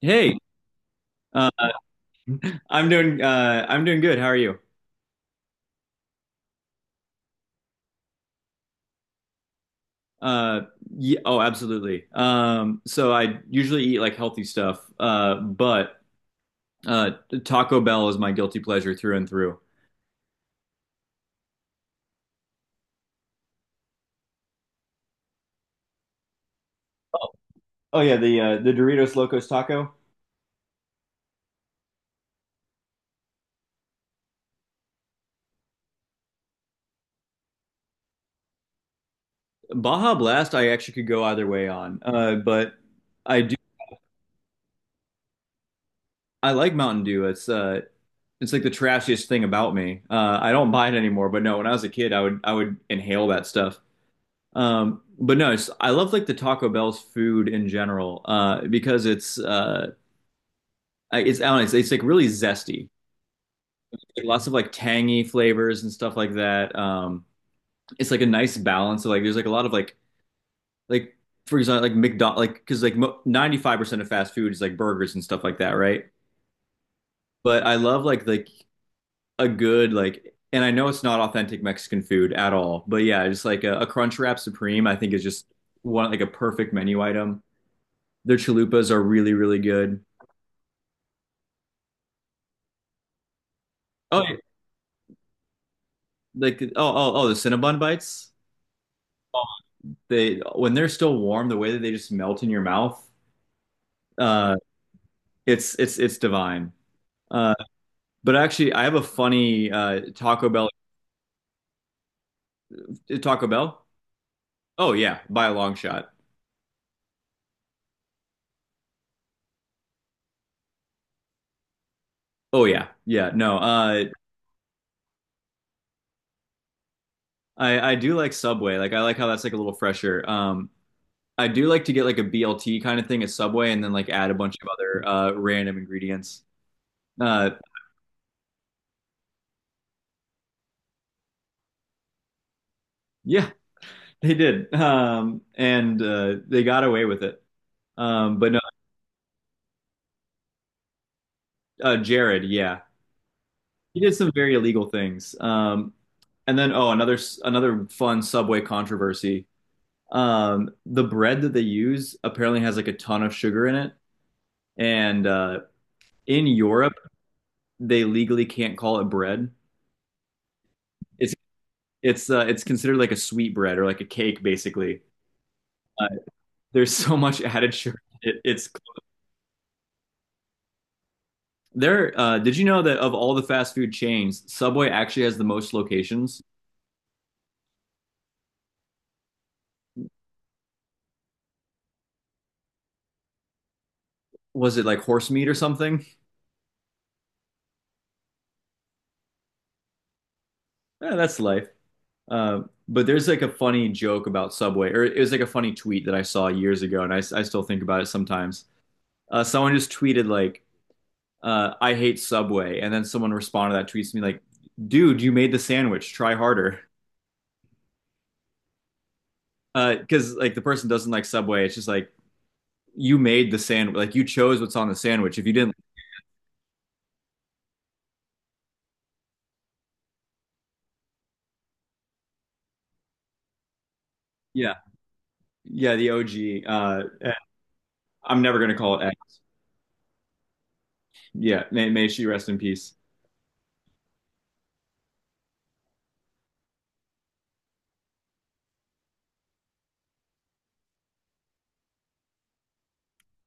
Hey, uh, I'm doing good. How are you? Uh, yeah, oh, absolutely. So I usually eat like healthy stuff, but uh, Taco Bell is my guilty pleasure through and through. Oh yeah, the Doritos Locos Taco. Baja Blast, I actually could go either way on, but I do I like Mountain Dew. It's like the trashiest thing about me. I don't buy it anymore, but no, when I was a kid, I would inhale that stuff. But no, I love like the Taco Bell's food in general, because it's I don't know, it's like really zesty, like, lots of like tangy flavors and stuff like that. It's like a nice balance. So like there's like a lot of like, for example, like McDonald, like because like mo 95% of fast food is like burgers and stuff like that, right? But I love like a good like, and I know it's not authentic Mexican food at all, but yeah, just like a Crunchwrap Supreme, I think is just one like a perfect menu item. Their chalupas are really, really good. Oh, like the Cinnabon bites. They When they're still warm, the way that they just melt in your mouth, uh, it's divine. Uh, but actually, I have a funny Taco Bell. Taco Bell? Oh yeah, by a long shot. Oh yeah, yeah. No, I do like Subway. Like I like how that's like a little fresher. I do like to get like a BLT kind of thing at Subway, and then like add a bunch of other random ingredients. Uh, yeah, they did, and they got away with it. But no, Jared, yeah, he did some very illegal things. And then, oh, another fun Subway controversy. The bread that they use apparently has like a ton of sugar in it, and in Europe, they legally can't call it bread. It's it's considered like a sweet bread or like a cake, basically. Uh, there's so much added sugar, it's There, did you know that of all the fast food chains, Subway actually has the most locations? Was it like horse meat or something? Eh, that's life. Uh, but there's like a funny joke about Subway, or it was like a funny tweet that I saw years ago, and I still think about it sometimes. Someone just tweeted like, "I hate Subway," and then someone responded to that tweet to me like, "Dude, you made the sandwich. Try harder." Because like the person doesn't like Subway. It's just like you made the sandwich. Like you chose what's on the sandwich. If you didn't, yeah, yeah, the OG. I'm never gonna call it Aggie. Yeah, may she rest in peace.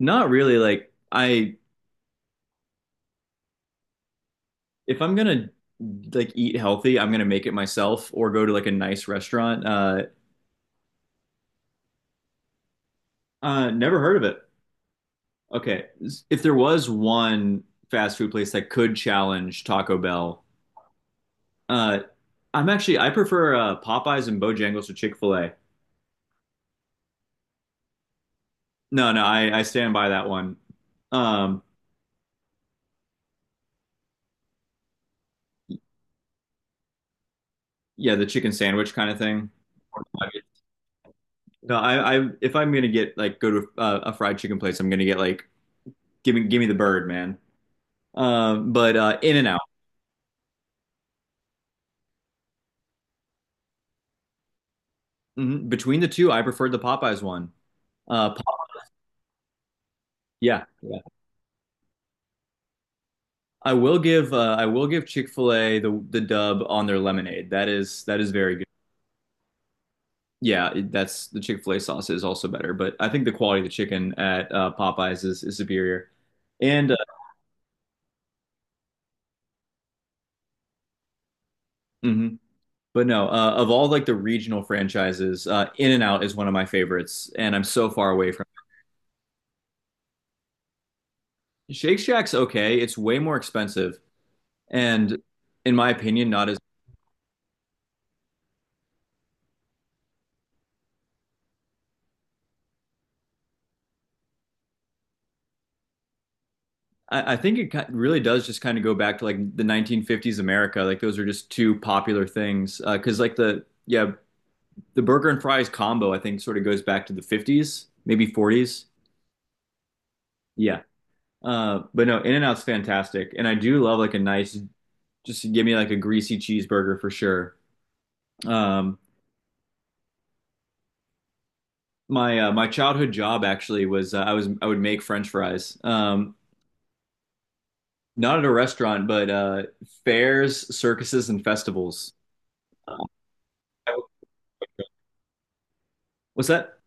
Not really. If I'm gonna like eat healthy, I'm gonna make it myself or go to like a nice restaurant. Never heard of it. Okay, if there was one fast food place that could challenge Taco Bell, uh, I prefer Popeyes and Bojangles to Chick Fil A. No, no, I stand by that one. Um, yeah, the chicken sandwich kind of thing. No, I if I'm gonna get like go to a fried chicken place, I'm gonna get like give me the bird, man. But in and out. Between the two, I preferred the Popeyes one. Uh, Pop- yeah, yeah. I will give Chick-fil-A the dub on their lemonade. That is very good. Yeah, that's the Chick-fil-A sauce is also better, but I think the quality of the chicken at Popeyes is superior. And Mhm. But no, of all like the regional franchises, in and out is one of my favorites, and I'm so far away from. Shake Shack's okay. It's way more expensive, and in my opinion, not as. I think it really does just kind of go back to like the 1950s America. Like those are just two popular things because like the yeah, the burger and fries combo I think sort of goes back to the 50s, maybe 40s. Yeah, but no, In-N-Out's fantastic, and I do love like a nice, just give me like a greasy cheeseburger for sure. Um, my childhood job actually was I would make French fries. Not at a restaurant, but fairs, circuses, and festivals. Um, what's that?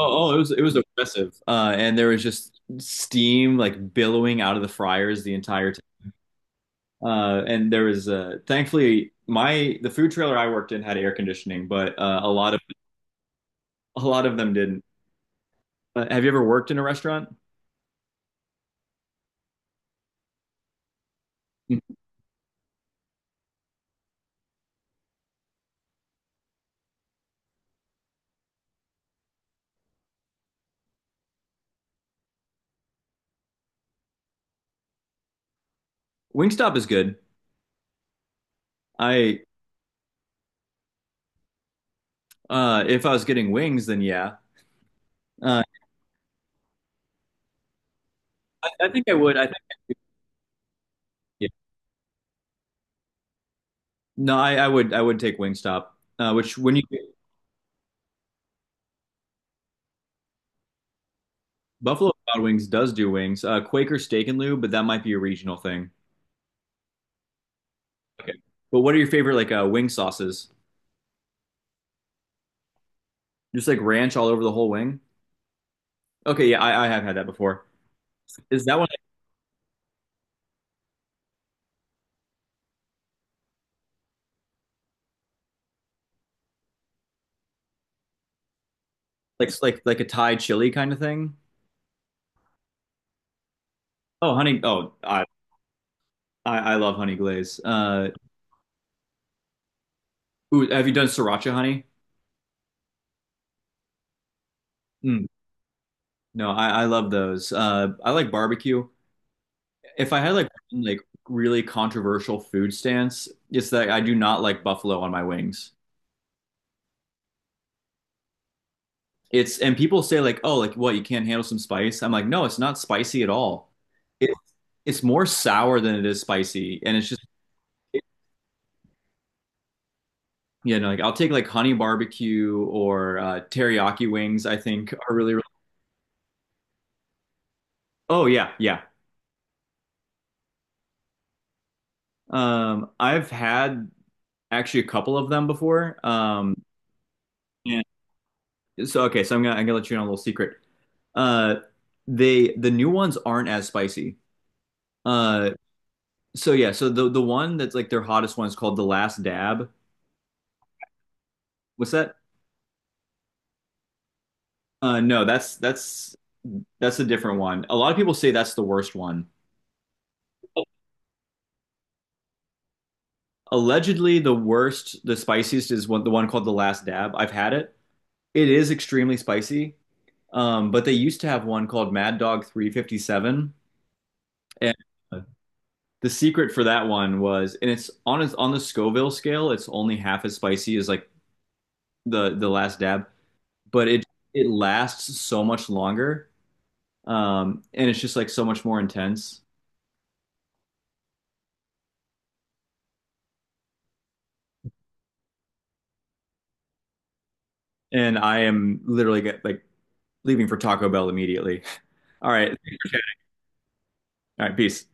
Oh, it was oppressive, and there was just steam like billowing out of the fryers the entire time. And there was thankfully my the food trailer I worked in had air conditioning, but a lot of them didn't. Have you ever worked in a restaurant? Mm. Wingstop is good. I If I was getting wings, then yeah. Uh, I think I would. I think, yeah. No, I would. I would take Wingstop. Which when you Buffalo Wild Wings does do wings. Quaker Steak and Lube, but that might be a regional thing. Okay. But what are your favorite like wing sauces? Just like ranch all over the whole wing? Okay, yeah, I have had that before. Is that one like a Thai chili kind of thing? Oh, honey. Oh, I love honey glaze. Ooh, have you done sriracha honey? Mm, no, I love those. I like barbecue. If I had like one, like really controversial food stance, it's that I do not like buffalo on my wings. It's And people say like, oh, like what, you can't handle some spice? I'm like, no, it's not spicy at all. It, it's more sour than it is spicy, and it's just like I'll take like honey barbecue or teriyaki wings. I think are really, really. Oh yeah, yeah. I've had actually a couple of them before. And so okay, so I'm gonna let you in on a little secret. Uh, the new ones aren't as spicy. Uh, so yeah, so the one that's like their hottest one is called the Last Dab. What's that? No, that's a different one. A lot of people say that's the worst one. Allegedly, the worst, the spiciest is one, the one called the Last Dab. I've had it. It is extremely spicy. But they used to have one called Mad Dog 357, and the secret for that one was, and it's on the Scoville scale, it's only half as spicy as like the Last Dab, but it lasts so much longer, and it's just like so much more intense. And I am literally get like leaving for Taco Bell immediately. All right. All right. Peace.